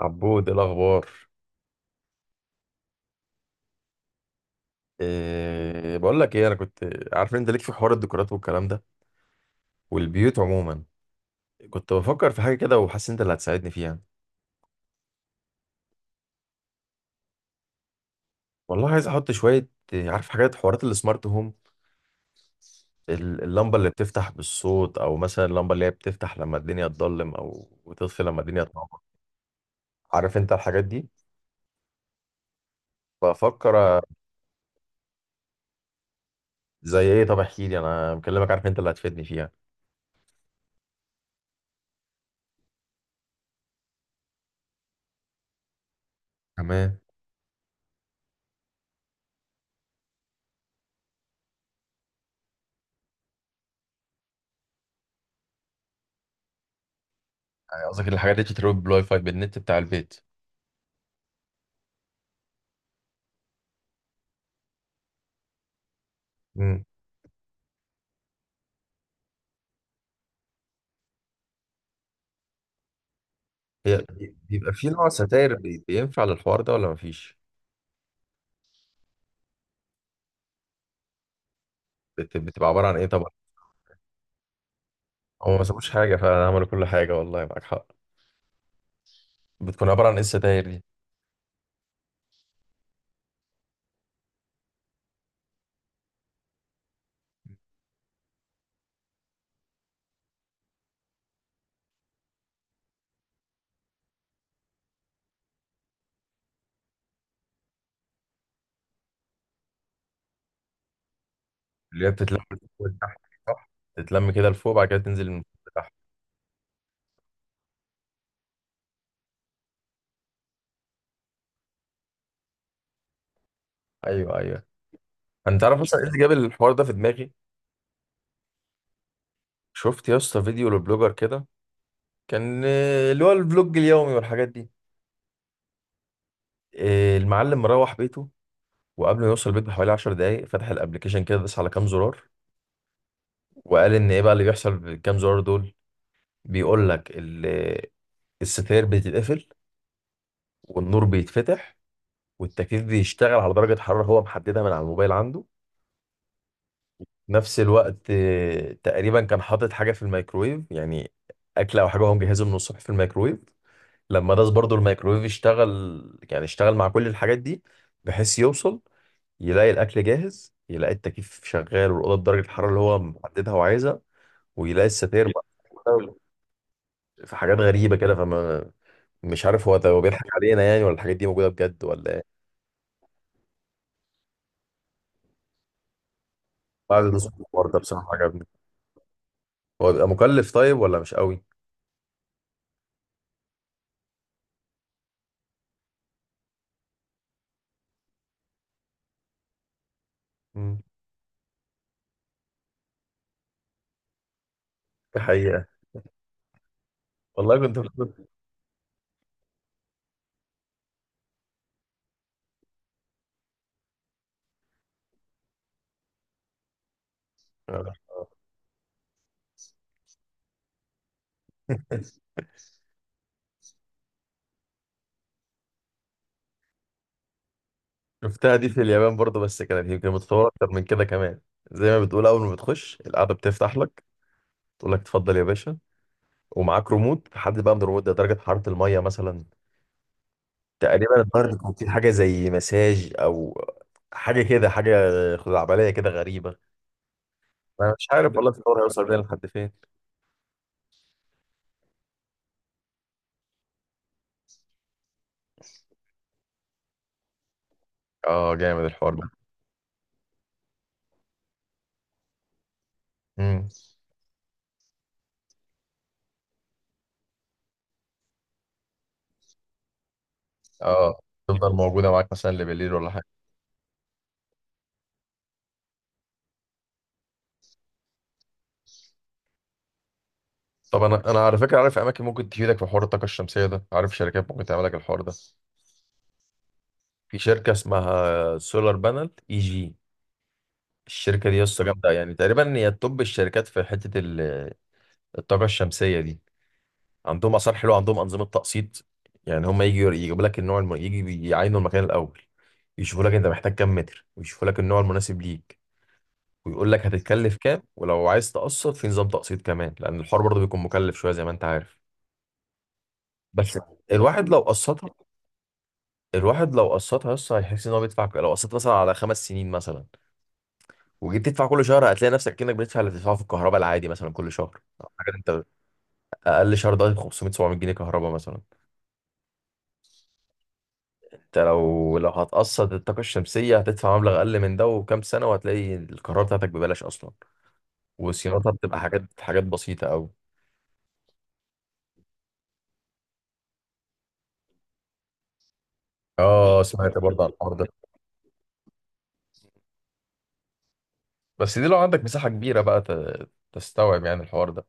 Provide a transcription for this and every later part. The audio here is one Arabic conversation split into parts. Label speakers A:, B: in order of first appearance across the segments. A: عبود، إيه الاخبار؟ إيه بقول لك ايه، انا كنت عارف إن انت ليك في حوار الديكورات والكلام ده والبيوت عموما. كنت بفكر في حاجه كده وحاسس إن انت اللي هتساعدني فيها. والله عايز احط شويه عارف حاجات حوارات السمارت هوم. اللمبه اللي بتفتح بالصوت او مثلا اللمبه اللي هي بتفتح لما الدنيا تضلم او وتطفي لما الدنيا تنور. عارف انت الحاجات دي. بفكر زي ايه؟ طب احكي لي، انا مكلمك عارف انت اللي هتفيدني فيها. تمام. يعني قصدك الحاجات دي تتروج بالواي فاي بالنت بتاع البيت؟ هي بيبقى في نوع ستاير بينفع للحوار ده ولا مفيش؟ بتبقى عبارة عن ايه طبعا؟ هو ما سابوش حاجة فعلا، عملوا كل حاجة والله معاك حق. بتكون عبارة عن ايه الستاير دي؟ اللي هي بتتلم من فوق لتحت، صح؟ تتلم كده لفوق بعد كده تنزل من فوق لتحت. ايوه ايوه. انت عارف اصلا ايه اللي جاب الحوار ده في دماغي؟ شفت يا اسطى فيديو لبلوجر كده. كان اللي هو الفلوج اليومي والحاجات دي. المعلم مروح بيته، وقبل ما يوصل البيت بحوالي 10 دقايق فتح الابلكيشن كده داس على كام زرار. وقال ان ايه بقى اللي بيحصل بالكام زرار دول. بيقول لك الستاير بتتقفل، والنور بيتفتح، والتكييف بيشتغل على درجة حرارة هو محددها من على الموبايل عنده. نفس الوقت تقريبا كان حاطط حاجة في الميكرويف، يعني أكلة أو حاجة هو مجهزه من الصبح في الميكرويف. لما داس برضو الميكرويف اشتغل، يعني اشتغل مع كل الحاجات دي، بحيث يوصل يلاقي الأكل جاهز، يلاقي التكييف شغال والأوضة بدرجة الحرارة اللي هو محددها وعايزها، ويلاقي الستاير بقى. في حاجات غريبة كده، فما مش عارف هو ده، هو بيضحك علينا يعني ولا الحاجات دي موجوده بجد ولا ايه؟ بعد نص الحوار ده بصراحه عجبني. هو بيبقى مكلف طيب ولا مش قوي؟ امم. دي حقيقه. والله كنت آه. شفتها دي في اليابان برضه، بس كانت يمكن متطوره اكتر من كده كمان. زي ما بتقول، اول ما بتخش القعده بتفتح لك، تقول لك اتفضل يا باشا. ومعاك ريموت، حد بقى من الريموت ده درجه حراره الميه مثلا. تقريبا النهارده كان في حاجه زي مساج او حاجه كده، حاجه خزعبليه كده غريبه. انا مش عارف والله الفطار هيوصل بينا لحد فين. اه، جامد الحوار ده. امم. اه، تفضل موجوده معاك مثلا لبالليل ولا حاجه؟ طب انا على فكره عارف اماكن ممكن تفيدك في حوار الطاقه الشمسيه ده، عارف شركات ممكن تعمل لك الحوار ده. في شركه اسمها سولار بانل اي جي. الشركه دي لسه جامده يعني، تقريبا هي توب الشركات في حته الطاقه الشمسيه دي. عندهم اثار حلوه، عندهم انظمه تقسيط. يعني هم يجوا يجيبوا لك النوع يجي يعينوا المكان الاول، يشوفوا لك انت محتاج كام متر ويشوفوا لك النوع المناسب ليك، ويقول لك هتتكلف كام، ولو عايز تقسط في نظام تقسيط كمان، لان الحوار برضه بيكون مكلف شويه زي ما انت عارف. بس الواحد لو قسطها الواحد لو قسطها يس هيحس ان هو بيدفع. لو قسطت مثلا على 5 سنين مثلا، وجيت تدفع كل شهر هتلاقي نفسك كأنك بتدفع اللي بتدفعه في الكهرباء العادي مثلا كل شهر. حاجه انت، اقل شهر ده 500 700 جنيه كهرباء مثلا. انت لو هتقسط الطاقه الشمسيه هتدفع مبلغ اقل من ده، وكام سنه وهتلاقي الكهرباء بتاعتك ببلاش اصلا. وصيانتها بتبقى حاجات حاجات بسيطه قوي. اه، سمعت برضه عن الحوار ده. بس دي لو عندك مساحة كبيرة بقى تستوعب يعني الحوار ده.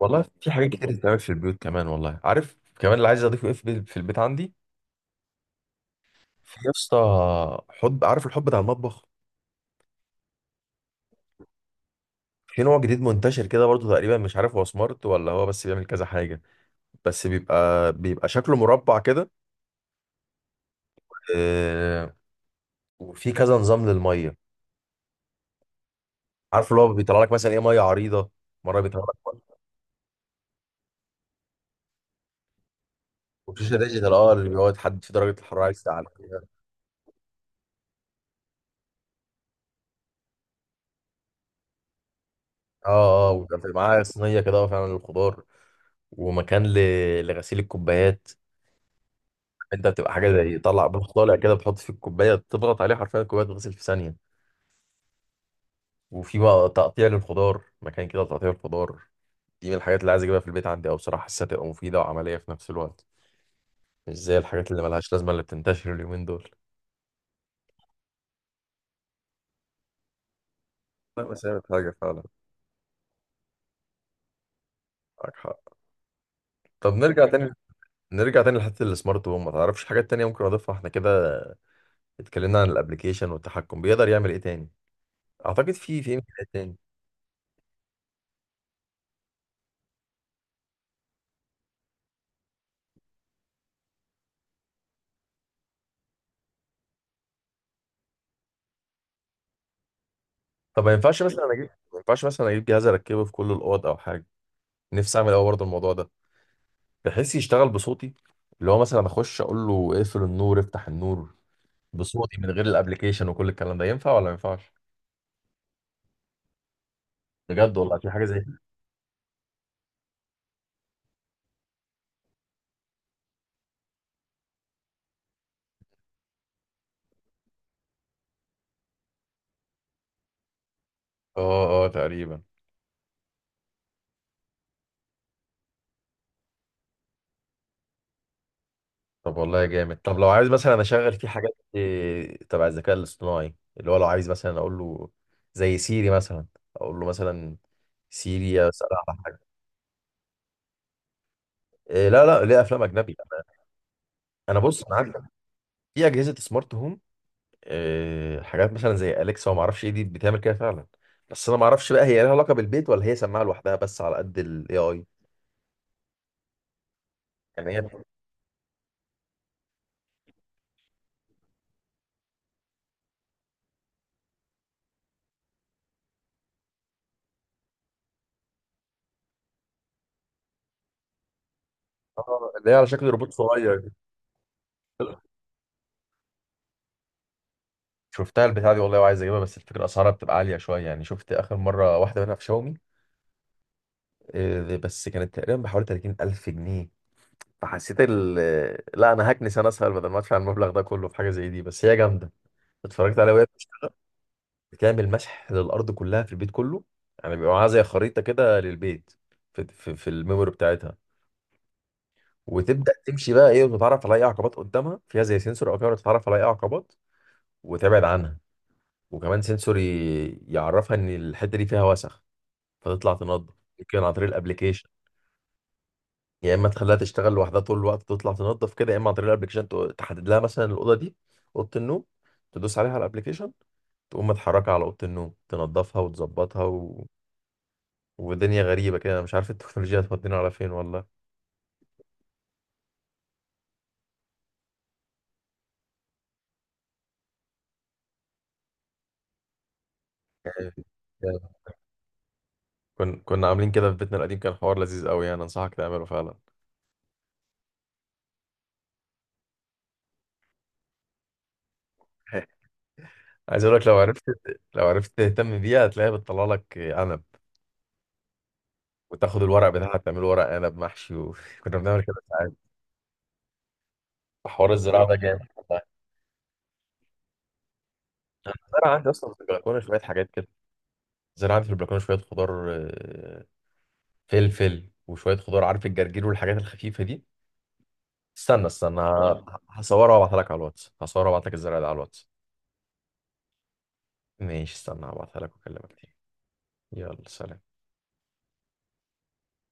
A: والله في حاجات كتير تستوعب في البيوت كمان، والله عارف كمان اللي عايز اضيفه ايه في في البيت عندي. في يا اسطى حب، عارف الحب بتاع المطبخ؟ في نوع جديد منتشر كده برضه، تقريبا مش عارف هو سمارت ولا هو بس بيعمل كذا حاجة. بس بيبقى شكله مربع كده آه، وفي كذا نظام للمية. عارف اللي هو بيطلع لك مثلا ايه، ميه عريضة مرة بيطلع لك، وشاشة ديجيتال، اه اللي بيقعد تحدد في درجة الحرارة عايز تعلى. اه اه، وكان في معاه صينيه كده فعلا للخضار، ومكان لغسيل الكوبايات. انت بتبقى حاجه زي طلع بوت طالع كده، بتحط فيه الكوبايه، تضغط عليه حرفيا الكوبايه تتغسل في ثانيه. وفي بقى تقطيع للخضار مكان كده تقطيع الخضار. دي من الحاجات اللي عايز اجيبها في البيت عندي، او بصراحه حاسسها تبقى مفيده وعمليه في نفس الوقت، مش زي الحاجات اللي ملهاش لازمه اللي بتنتشر اليومين دول. لا، بس هي حاجه فعلا، معاك حق. طب نرجع تاني، نرجع تاني لحته السمارت هوم. ما تعرفش حاجات تانية ممكن اضيفها احنا كده؟ اتكلمنا عن الابليكيشن والتحكم، بيقدر يعمل ايه تاني؟ اعتقد في امكانيات تاني. طب ما ينفعش مثلا اجيب جهاز اركبه في كل الاوض او حاجه؟ نفسي اعمل قوي برضه الموضوع ده، بحيث يشتغل بصوتي، اللي هو مثلا اخش اقول له اقفل النور افتح النور بصوتي من غير الابليكيشن وكل الكلام ده، ينفع ولا ما ينفعش؟ بجد والله، في حاجه زي كده؟ اه اه، تقريبا. طب والله جامد. طب لو عايز مثلا اشغل فيه حاجات تبع الذكاء الاصطناعي، اللي هو لو عايز مثلا اقول له زي سيري مثلا، اقول له مثلا سيري اسال على حاجه. إيه؟ لا لا، ليه افلام اجنبي انا؟ أنا بص، انا عندي في اجهزه سمارت هوم حاجات مثلا زي اليكسا وما اعرفش ايه، دي بتعمل كده فعلا. بس انا ما اعرفش بقى هي لها علاقه بالبيت، ولا هي سماعه لوحدها بس على قد الاي اي. يعني هي اللي هي على شكل روبوت صغير دي. شفتها البتاع دي والله، وعايز اجيبها، بس الفكره اسعارها بتبقى عاليه شويه. يعني شفت اخر مره واحده منها في شاومي، بس كانت تقريبا بحوالي 30000 جنيه. فحسيت لا، انا هكنس انا اسهل بدل ما ادفع المبلغ ده كله في حاجه زي دي، بس هي جامده. اتفرجت عليها وهي بتعمل مسح للأرض كلها في البيت كله. يعني بيبقى معاها زي خريطة كده للبيت، في الميموري بتاعتها. وتبدأ تمشي بقى إيه، وتتعرف على أي عقبات قدامها، فيها زي سنسور أو كاميرا تتعرف على أي عقبات وتبعد عنها. وكمان سنسور يعرفها إن الحتة دي فيها وسخ فتطلع تنظف، يمكن عن طريق الأبليكيشن. يا إما تخليها تشتغل لوحدها طول الوقت تطلع تنظف كده، يا إما عن طريق الأبليكيشن تحدد لها مثلا الأوضة دي، أوضة النوم، تدوس عليها على الأبليكيشن تقوم متحركة على أوضة النوم تنظفها وتظبطها. ودنيا غريبة كده، أنا مش عارف التكنولوجيا هتودينا على فين والله. يعني يعني كنا عاملين كده في بيتنا القديم، كان حوار لذيذ قوي يعني، أنصحك تعمله فعلا. عايز أقول لك، لو عرفت، لو عرفت تهتم بيها هتلاقيها بتطلع لك عنب، وتاخد الورق بتاعها تعمله ورق عنب محشي، وكنا بنعمل كده ساعات. حوار الزراعة ده جامد والله. أنا الزرع عندي أصلا في البلكونة شوية حاجات كده، زرع عندي في البلكونة شوية خضار فلفل وشوية خضار، عارف الجرجير والحاجات الخفيفة دي. استنى استنى هصورها وابعتها لك على الواتس. هصورها وابعتها لك الزرع ده على الواتس. ماشي، استنى هبعتها لك واكلمك تاني. يلا سلام.